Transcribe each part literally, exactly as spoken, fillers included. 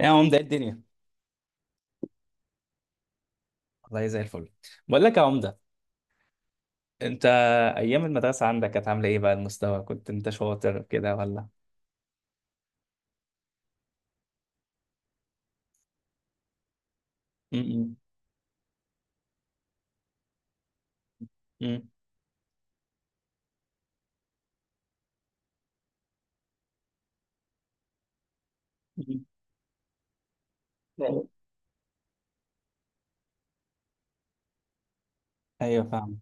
ايه يا عمدة؟ إيه الدنيا؟ والله زي الفل. بقول لك يا عمدة، انت ايام المدرسة عندك كانت عاملة ايه بقى؟ المستوى كنت انت شاطر كده ولا م- م- م- م- ايوه فاهم.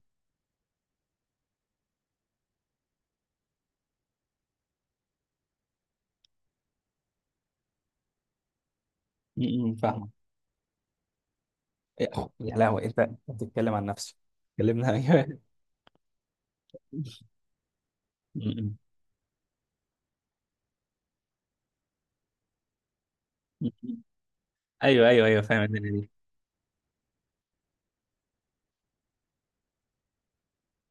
م- م- فاهم. يا أخ- يا لهوي انت بتتكلم عن نفسك. كلمنا ايوه. م- م- م- ايوه ايوه ايوه فاهم الدنيا دي.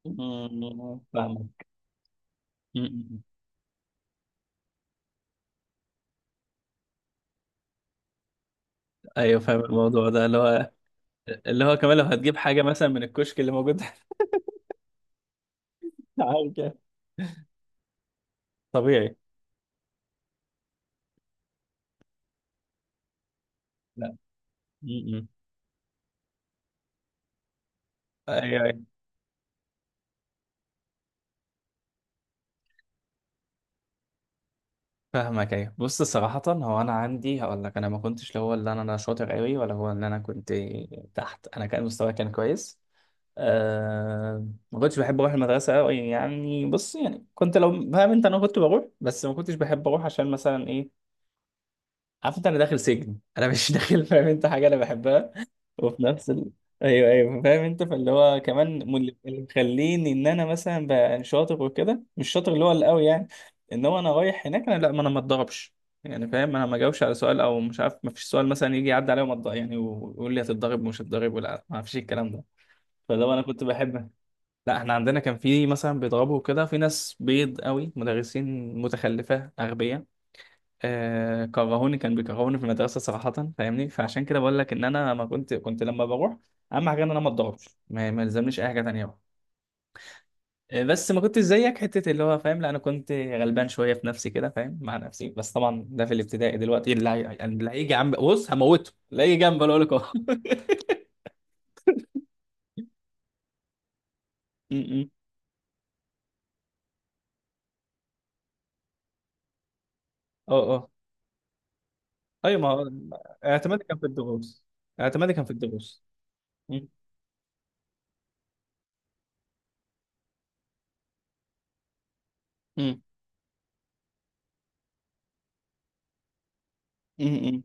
م-م. فاهم. م-م. ايوه فاهم الموضوع ده اللي هو اللي هو كمان لو هتجيب حاجة مثلا من الكشك اللي موجود. عارف كده، طبيعي. لا. م- م. ايوه أيوه. فاهمك، ايوه بص صراحة هو انا عندي هقول لك انا ما كنتش، لا هو اللي انا أنا شاطر قوي ولا هو اللي انا كنت تحت. انا كان مستواي كان كويس. أه، ما كنتش بحب اروح المدرسة قوي يعني. بص يعني كنت لو فاهم انت انا كنت بروح بس ما كنتش بحب اروح عشان مثلا ايه، عارف انت انا داخل سجن انا مش داخل. فاهم انت حاجة انا بحبها وفي نفس ال... ايوه ايوه فاهم انت. فاللي هو كمان مل- اللي اللي مخليني ان انا مثلا بقى شاطر وكده مش شاطر اللي هو القوي، يعني ان هو انا رايح هناك انا، لا ما انا ما اتضربش. يعني فاهم انا ما جاوبش على سؤال او مش عارف، ما فيش سؤال مثلا يجي يعدي عليا وما اتض- يعني ويقول لي هتتضرب ومش هتتضرب، ولا ما فيش الكلام ده. فلو انا كنت بحب. لا احنا عندنا كان في مثلا بيضربوا كده، في ناس بيض قوي، مدرسين متخلفه اغبياء. آه كرهوني، كان بيكرهوني في المدرسه صراحه. فاهمني، فعشان كده بقول لك ان انا ما كنت كنت لما بروح اهم حاجه ان انا ما اتضربش، ما ما يلزمنيش اي حاجه تانيه بقى. آه، بس ما كنتش زيك حته اللي هو فاهم. لا انا كنت غلبان شويه في نفسي كده، فاهم، مع نفسي بس. طبعا ده في الابتدائي دلوقتي. اللي هي- اللي هيجي جنب بص هموته، اللي هيجي جنب اقول لك اه م- م. اه اه. ايوه ما هو اعتمادي كان في الدروس، اعتمادي كان في الدروس. م- م. م- م.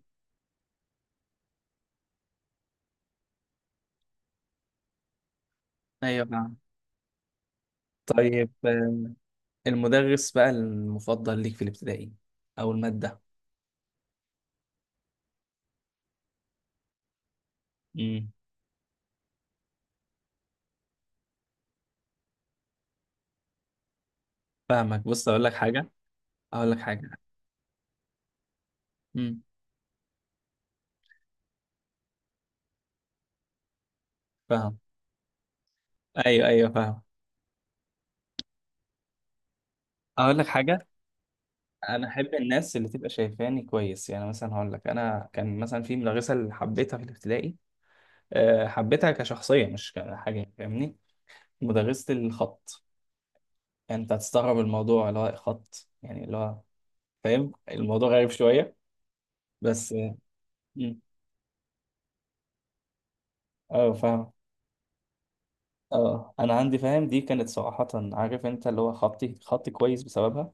ايوه نعم. طيب آه، المدرس بقى المفضل ليك في الابتدائي او المادة؟ امم. فاهمك، بص اقول لك حاجة، اقول لك حاجة. امم. فاهم، ايوه ايوه فاهم. اقول لك حاجة، انا احب الناس اللي تبقى شايفاني كويس. يعني مثلا هقول لك انا كان مثلا في مدرسة اللي حبيتها في الابتدائي، أه حبيتها كشخصية مش كحاجة، فاهمني؟ مدرسة الخط. يعني انت هتستغرب الموضوع اللي هو خط، يعني اللي هو فاهم الموضوع غريب شوية، بس اه. مم. آه، فاهم. اه، انا عندي فاهم، دي كانت صراحة عارف انت اللي هو خطي، خطي كويس بسببها.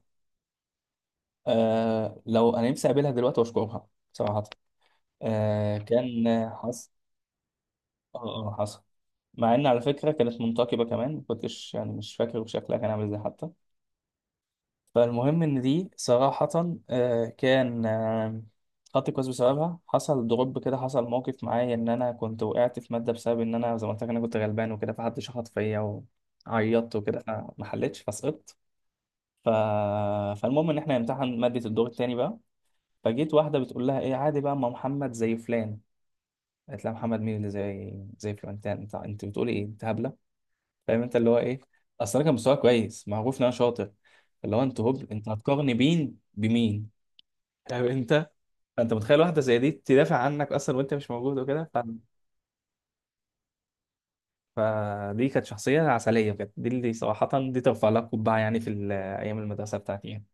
آه، لو انا نفسي اقابلها دلوقتي واشكرها صراحة. آه كان حصل. اه. اه حصل. مع ان على فكرة كانت منتقبة كمان، ما كنتش يعني، مش فاكر شكلها كان عامل ازاي حتى. فالمهم ان دي صراحة، آه كان آه خطي كويس بسببها. حصل دروب كده، حصل موقف معايا ان انا كنت وقعت في مادة بسبب ان انا زي ما قلت لك انا كنت غلبان وكده، فحد شخط فيا وعيطت وكده، فما حلتش فسقطت. ف... فالمهم ان احنا نمتحن ماده الدور التاني بقى. فجيت واحده بتقول لها ايه عادي بقى، ما محمد زي فلان. قالت لها محمد مين اللي زي زي فلان؟ انت انت انت بتقولي ايه، انت هبله؟ فاهم انت اللي هو ايه، اصل انا كان مستواي كويس، معروف ان انا شاطر. اللي هو انت هب انت هتقارني بين بمين؟ فاهم انت؟ فانت متخيل واحده زي دي تدافع عنك اصلا وانت مش موجود وكده. ف... فدي كانت شخصيه عسليه بجد، دي اللي صراحه دي ترفع لها قبعه يعني، في ال- ايام المدرسه بتاعتي يعني.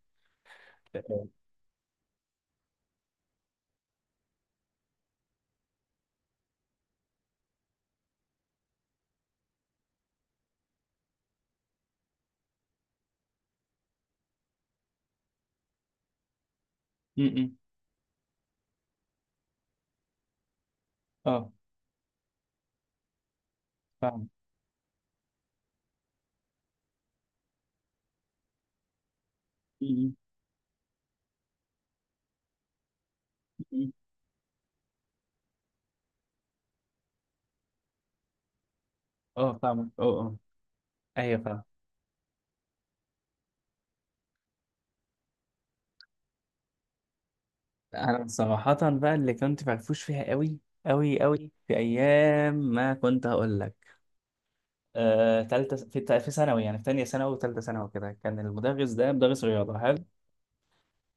م- م. اه فاهم. م- م. اه فاهمك، اه اه ايوه فاهم. انا صراحة بقى اللي كنت فرفوش فيها قوي قوي قوي، في ايام ما كنت هقول لك آه، تالتة في تا- في ثانوي، يعني في تانية ثانوي وتالتة ثانوي كده، كان المدرس ده مدرس رياضة حلو.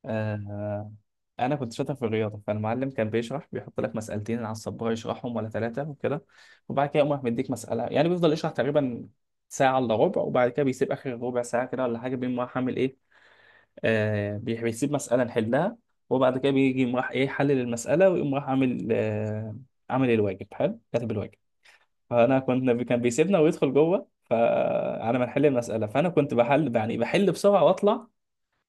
آه، انا كنت شاطر في الرياضة. فالمعلم كان بيشرح، بيحط لك مسألتين على السبورة يشرحهم ولا ثلاثة وكده، وبعد كده يقوم راح مديك مسألة. يعني بيفضل يشرح تقريبا ساعة إلا ربع، وبعد كده بيسيب آخر ربع ساعة كده ولا حاجة بيقوم راح عامل إيه؟ آه بيح- بيسيب مسألة نحلها، وبعد كده بيجي يقوم راح ايه، حلل المسألة ويقوم راح عامل آه عامل الواجب حلو، كاتب الواجب. فأنا كنت، كان بيسيبنا ويدخل جوه، فعلى ما نحل المسألة، فأنا كنت بحل، يعني بحل بسرعة وأطلع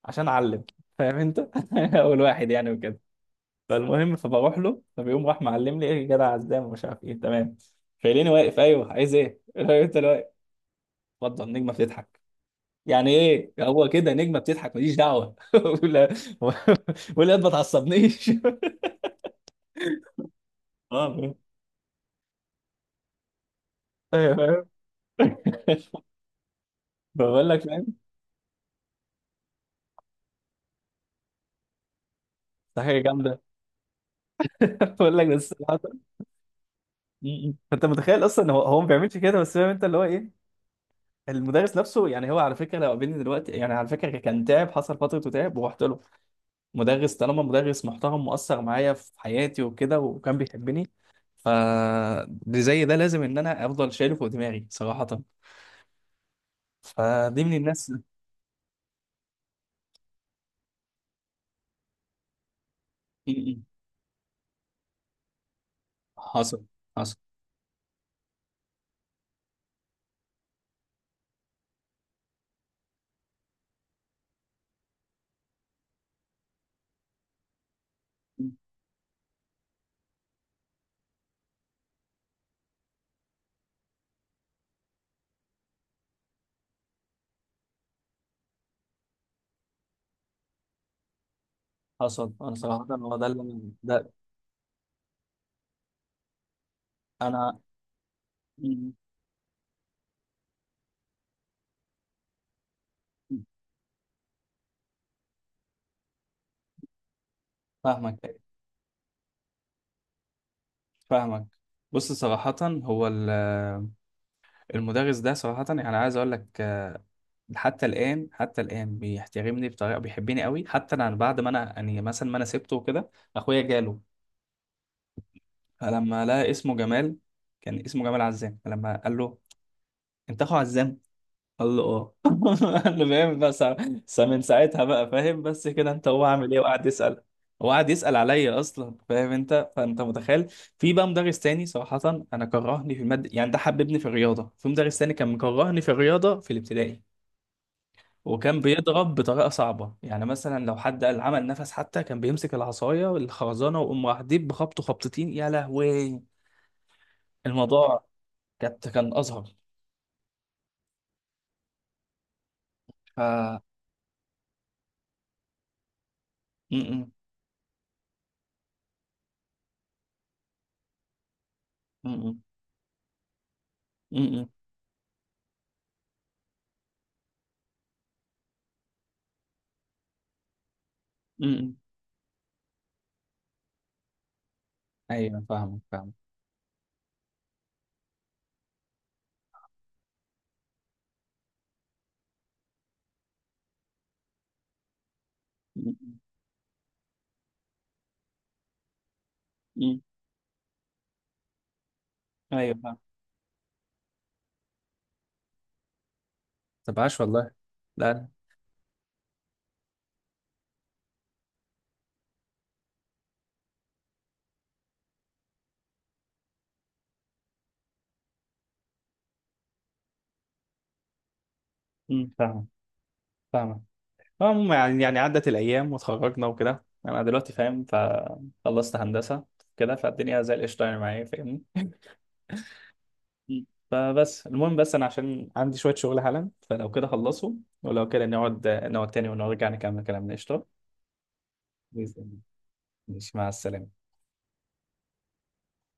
عشان أعلم، فاهم أنت؟ أول واحد يعني وكده. فالمهم فبروح له، فبيقوم راح معلم لي ايه، يا جدع عزام ومش عارف ايه تمام. فيليني واقف، ايوه عايز ايه؟ قلت له انت اللي واقف. اتفضل نجمة بتضحك. يعني ايه هو كده، نجمه بتضحك ماليش دعوه ولا ولا ما تعصبنيش اه فاهم. ايوه فاهم. بقول لك فاهم. ده حاجه جامده. بقول لك، بس صراحة- م-م. فانت متخيل اصلا هو، هو ما بيعملش كده بس، فاهم انت اللي هو ايه، المدرس نفسه يعني. هو على فكره لو قابلني دلوقتي، يعني على فكره كان تعب، حصل فتره تعب ورحت له. مدرس طالما مدرس محترم، مؤثر معايا في حياتي وكده، وكان بيحبني. ف زي ده لازم ان انا افضل شايله فوق دماغي صراحه. فدي من الناس. حصل حصل حصل. انا صراحة هو ده اللي أنا- ده انا. م- م- فاهمك، فاهمك. بص صراحة هو ال- المدرس ده صراحة، يعني عايز اقول لك آه، حتى الآن، حتى الآن بيحترمني بطريقة، بيحبني قوي، حتى انا بعد ما انا يعني مثلا ما انا سبته وكده. اخويا جاله، فلما لقى اسمه جمال، كان اسمه جمال عزام، فلما قال له انت اخو عزام؟ قال له اه. قال له فاهم بس، بس من ساعتها بقى فاهم، بس كده انت هو عامل ايه، وقعد يسأل. هو قعد يسأل عليا اصلا، فاهم انت؟ فانت متخيل. في بقى مدرس تاني صراحة انا كرهني في المادة. يعني ده حببني في الرياضة، في مدرس تاني كان مكرهني في الرياضة في الابتدائي، وكان بيضرب بطريقة صعبة، يعني مثلا لو حد قال عمل نفس حتى كان بيمسك العصاية والخرزانة ويقوم راح ديب بخبطه خبطتين، يا لهوي الموضوع. كانت كان أزهر. ف م- م- م- م- م- م- ايوه فاهمك، فاهمك. مم. مم. ايوه فاهم. طب عاش والله. لا لا. مم. فاهم، فاهم. المهم، يعني يعني عدت الايام واتخرجنا وكده، انا دلوقتي فاهم، فخلصت هندسه كده، فالدنيا زي القشطه يعني معايا، فاهمني؟ مم. فبس المهم، بس انا عشان عندي شويه شغل حالا، فلو كده خلصوا، ولو كده نقعد نقعد تاني ونرجع نكمل كلامنا قشطه بإذن الله. ماشي، مع السلامه.